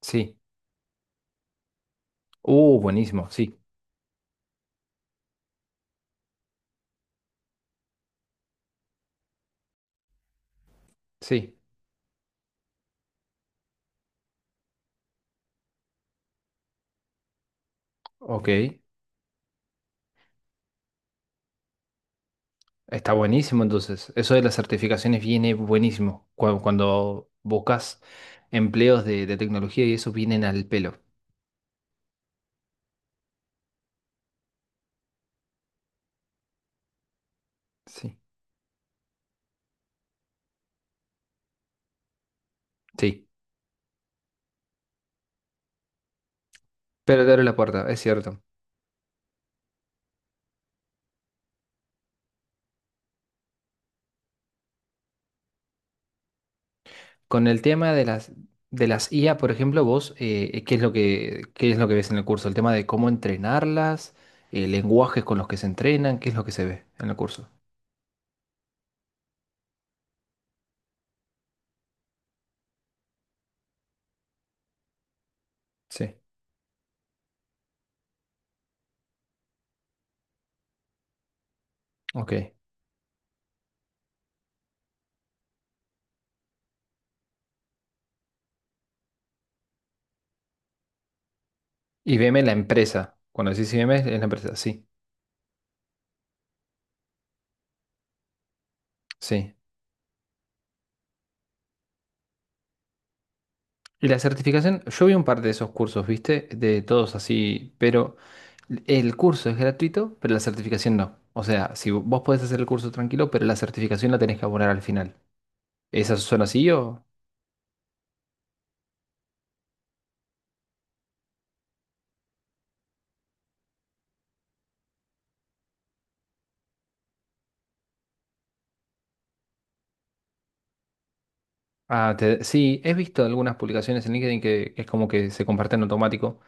Sí. Buenísimo, sí, sí. Ok, está buenísimo entonces. Eso de las certificaciones viene buenísimo. Cuando buscas empleos de tecnología y eso vienen al pelo. Sí, sí. Pero te abre la puerta, es cierto. Con el tema de las IA, por ejemplo, vos, ¿qué es lo que, qué es lo que ves en el curso? El tema de cómo entrenarlas, lenguajes con los que se entrenan, ¿qué es lo que se ve en el curso? Sí, ok. IBM, la empresa. Cuando decís IBM, es la empresa, sí. Sí. Y la certificación, yo vi un par de esos cursos, ¿viste? De todos así, pero el curso es gratuito, pero la certificación no. O sea, si vos podés hacer el curso tranquilo, pero la certificación la tenés que abonar al final. ¿Esas son así o...? Ah, sí, he visto algunas publicaciones en LinkedIn que es como que se comparten automático,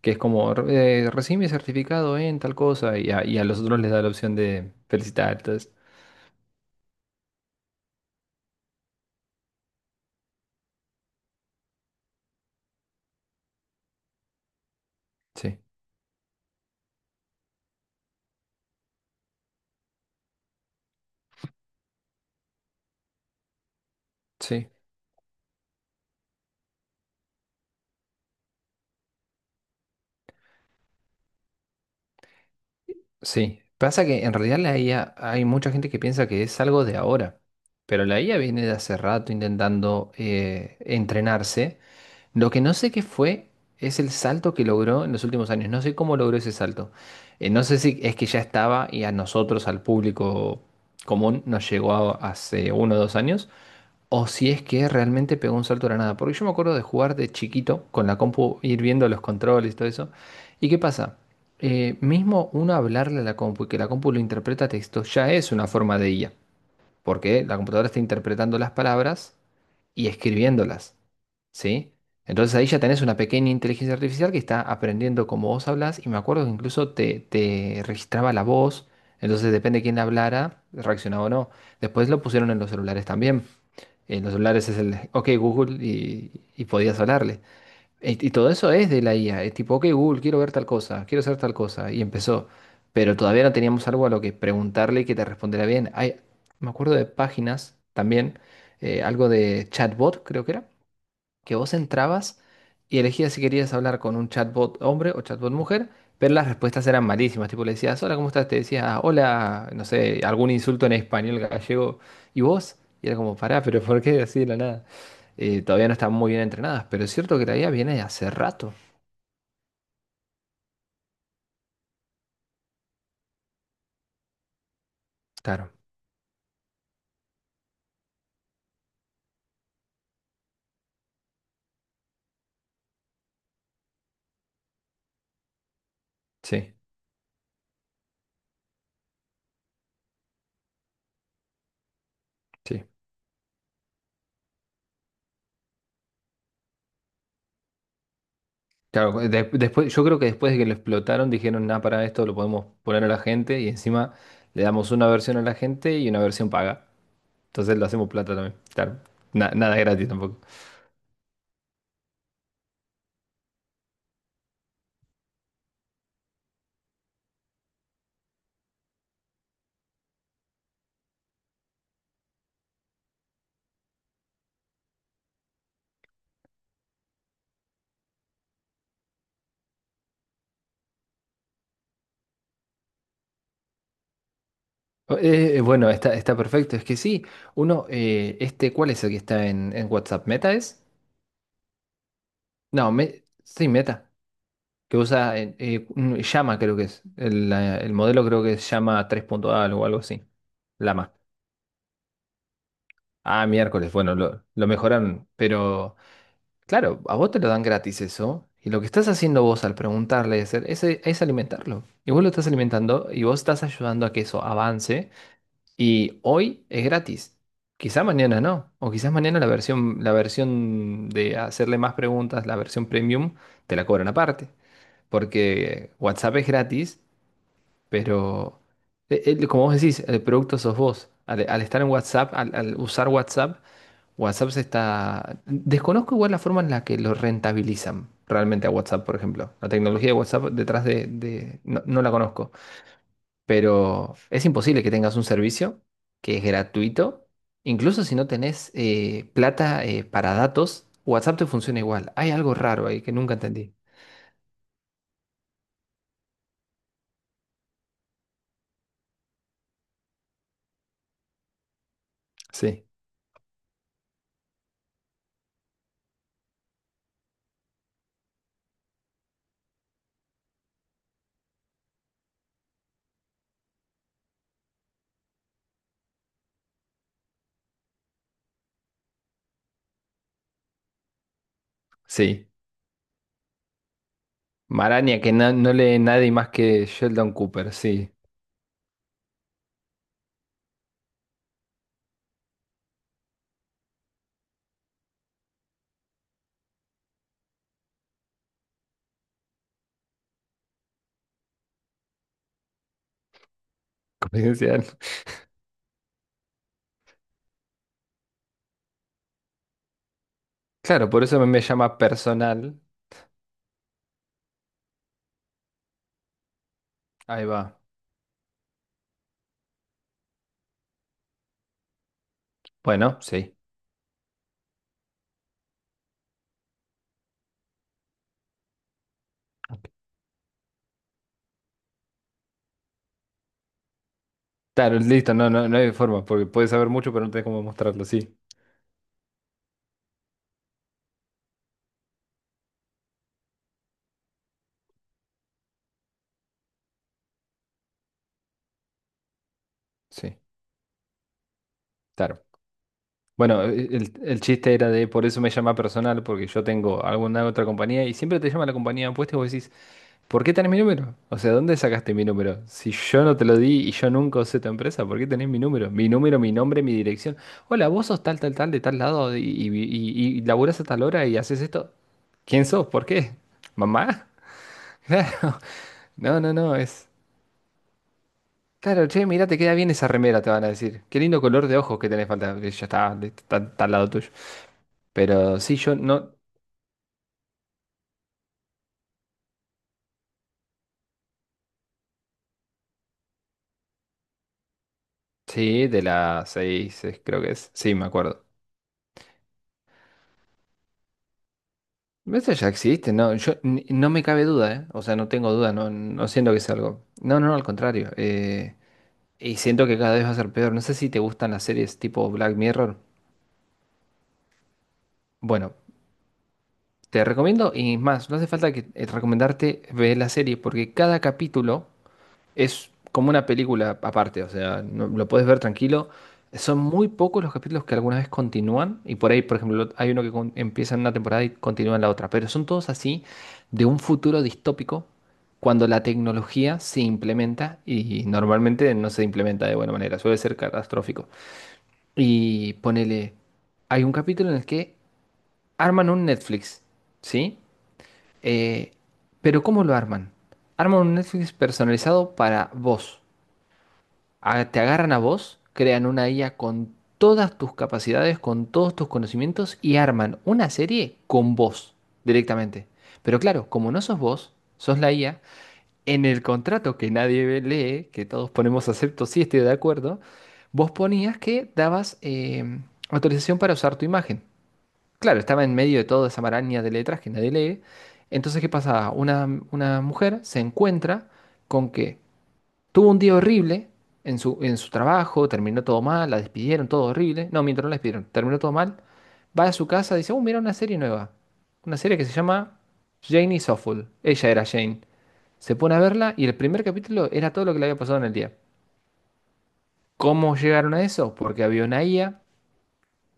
que es como, recibí mi certificado en tal cosa y a los otros les da la opción de felicitar, entonces. Sí, sí. Sí, pasa que en realidad la IA, hay mucha gente que piensa que es algo de ahora, pero la IA viene de hace rato intentando entrenarse. Lo que no sé qué fue es el salto que logró en los últimos años. No sé cómo logró ese salto. No sé si es que ya estaba y a nosotros, al público común, nos llegó hace uno o dos años, o si es que realmente pegó un salto de la nada. Porque yo me acuerdo de jugar de chiquito con la compu, ir viendo los controles y todo eso. ¿Y qué pasa? Mismo uno hablarle a la compu y que la compu lo interpreta a texto ya es una forma de IA porque la computadora está interpretando las palabras y escribiéndolas, ¿sí? Entonces ahí ya tenés una pequeña inteligencia artificial que está aprendiendo cómo vos hablás y me acuerdo que incluso te registraba la voz, entonces depende de quién hablara, reaccionaba o no. Después lo pusieron en los celulares también. En los celulares es el, ok Google y podías hablarle. Y todo eso es de la IA. Es tipo, ok, Google, quiero ver tal cosa, quiero hacer tal cosa. Y empezó. Pero todavía no teníamos algo a lo que preguntarle y que te respondiera bien. Hay, me acuerdo de páginas también, algo de chatbot, creo que era, que vos entrabas y elegías si querías hablar con un chatbot hombre o chatbot mujer, pero las respuestas eran malísimas. Tipo, le decías, hola, ¿cómo estás? Te decía, "Ah, hola, no sé, algún insulto en español gallego. ¿Y vos? Y era como, pará, pero ¿por qué así de la nada? Todavía no están muy bien entrenadas, pero es cierto que la IA viene de hace rato. Claro, sí, sí. Claro, después, yo creo que después de que lo explotaron dijeron, nada, para esto lo podemos poner a la gente y encima le damos una versión a la gente y una versión paga. Entonces lo hacemos plata también. Claro. Nada gratis tampoco. Oh. Bueno, está perfecto. Es que sí, uno, este, ¿cuál es el que está en WhatsApp? ¿Meta es? No, sí, Meta, que usa Llama, creo que es. El modelo creo que es Llama 3.0 o algo así. Lama. Ah, miércoles, bueno, lo mejoraron. Pero, claro, a vos te lo dan gratis eso. Y lo que estás haciendo vos al preguntarle es alimentarlo. Y vos lo estás alimentando y vos estás ayudando a que eso avance. Y hoy es gratis. Quizá mañana no. O quizás mañana la versión de hacerle más preguntas, la versión premium, te la cobran aparte. Porque WhatsApp es gratis, pero como vos decís, el producto sos vos. Al estar en WhatsApp, al usar WhatsApp, WhatsApp se está... Desconozco igual la forma en la que lo rentabilizan realmente a WhatsApp, por ejemplo. La tecnología de WhatsApp detrás No, no la conozco. Pero es imposible que tengas un servicio que es gratuito. Incluso si no tenés plata para datos, WhatsApp te funciona igual. Hay algo raro ahí que nunca entendí. Sí, sí. Maraña, que no lee nadie más que Sheldon Cooper, sí. Confidencial. Claro, por eso me llama personal. Ahí va. Bueno, sí. Claro, listo, no, no, no hay forma, porque puedes saber mucho, pero no tenés cómo mostrarlo, sí. Sí, claro. Bueno, el chiste era de por eso me llama personal, porque yo tengo alguna otra compañía y siempre te llama la compañía opuesta y vos decís, ¿por qué tenés mi número? O sea, ¿dónde sacaste mi número? Si yo no te lo di y yo nunca usé tu empresa, ¿por qué tenés mi número? Mi número, mi nombre, mi dirección. Hola, vos sos tal, tal, tal, de tal lado y laburás a tal hora y haces esto. ¿Quién sos? ¿Por qué? ¿Mamá? Claro. No, no, no, es... Claro, che, mirá, te queda bien esa remera, te van a decir. Qué lindo color de ojos que tenés falta. Ya está, está al lado tuyo. Pero sí, yo no. Sí, de las seis, creo que es. Sí, me acuerdo. Eso ya existe, no, yo no me cabe duda, ¿eh? O sea, no tengo duda, no, no siento que es algo. No, no, no, al contrario. Y siento que cada vez va a ser peor. No sé si te gustan las series tipo Black Mirror. Bueno, te recomiendo y más, no hace falta que recomendarte ver la serie porque cada capítulo es como una película aparte, o sea, lo puedes ver tranquilo. Son muy pocos los capítulos que alguna vez continúan, y por ahí, por ejemplo, hay uno que empieza en una temporada y continúa en la otra, pero son todos así de un futuro distópico cuando la tecnología se implementa y normalmente no se implementa de buena manera, suele ser catastrófico. Y ponele, hay un capítulo en el que arman un Netflix, ¿sí? Eh, pero ¿cómo lo arman? Arman un Netflix personalizado para vos te agarran a vos, crean una IA con todas tus capacidades, con todos tus conocimientos y arman una serie con vos directamente. Pero claro, como no sos vos, sos la IA, en el contrato que nadie lee, que todos ponemos acepto si estoy de acuerdo, vos ponías que dabas autorización para usar tu imagen. Claro, estaba en medio de toda esa maraña de letras que nadie lee. Entonces, ¿qué pasaba? Una mujer se encuentra con que tuvo un día horrible en su trabajo, terminó todo mal, la despidieron, todo horrible. No, mientras no la despidieron, terminó todo mal. Va a su casa, dice, oh, mira una serie nueva. Una serie que se llama Jane is Awful. Ella era Jane. Se pone a verla y el primer capítulo era todo lo que le había pasado en el día. ¿Cómo llegaron a eso? Porque había una IA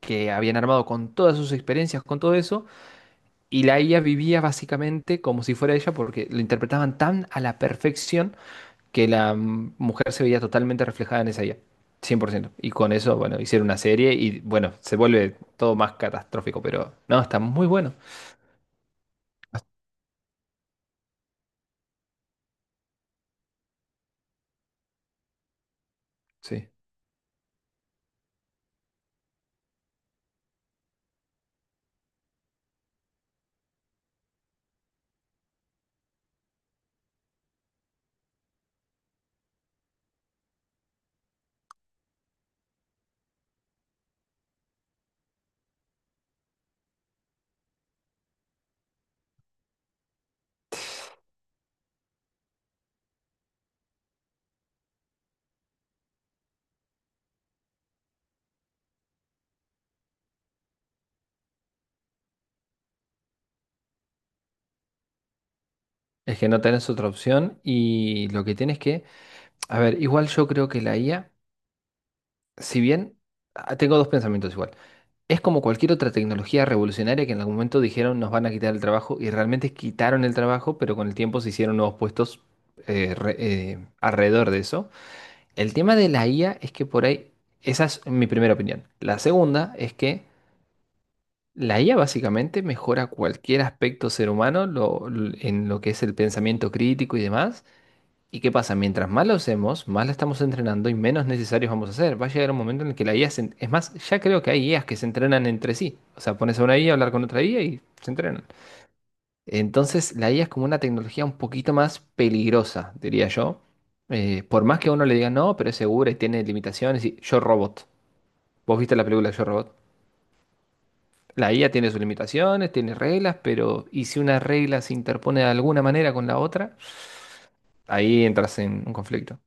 que habían armado con todas sus experiencias, con todo eso, y la IA vivía básicamente como si fuera ella porque lo interpretaban tan a la perfección que la mujer se veía totalmente reflejada en esa IA, 100%. Y con eso, bueno, hicieron una serie y bueno, se vuelve todo más catastrófico, pero no, está muy bueno. Sí. Es que no tenés otra opción y lo que tienes que... A ver, igual yo creo que la IA, si bien... ah, tengo dos pensamientos igual. Es como cualquier otra tecnología revolucionaria que en algún momento dijeron nos van a quitar el trabajo y realmente quitaron el trabajo, pero con el tiempo se hicieron nuevos puestos alrededor de eso. El tema de la IA es que por ahí, esa es mi primera opinión. La segunda es que la IA básicamente mejora cualquier aspecto ser humano en lo que es el pensamiento crítico y demás. ¿Y qué pasa? Mientras más lo hacemos, más la estamos entrenando y menos necesarios vamos a ser. Va a llegar un momento en el que la IA se... Es más, ya creo que hay IAs que se entrenan entre sí. O sea, pones a una IA a hablar con otra IA y se entrenan. Entonces, la IA es como una tecnología un poquito más peligrosa, diría yo. Por más que a uno le diga no, pero es segura y tiene limitaciones. Y Yo Robot. ¿Vos viste la película de Yo Robot? La IA tiene sus limitaciones, tiene reglas, pero ¿y si una regla se interpone de alguna manera con la otra? Ahí entras en un conflicto.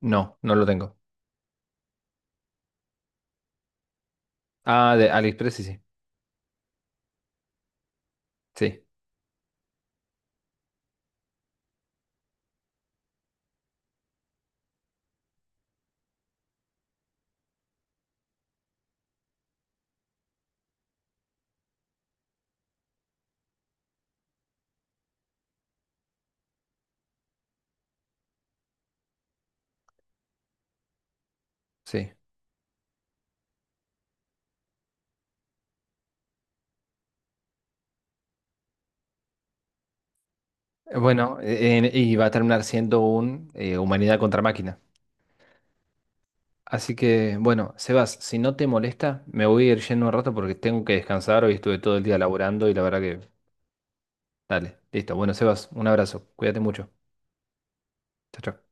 No, no lo tengo. Ah, de AliExpress sí, sí. Sí, sí. Bueno, y va a terminar siendo un humanidad contra máquina. Así que, bueno, Sebas, si no te molesta, me voy a ir yendo un rato porque tengo que descansar. Hoy estuve todo el día laburando y la verdad que, dale, listo. Bueno, Sebas, un abrazo. Cuídate mucho. Chao, chao.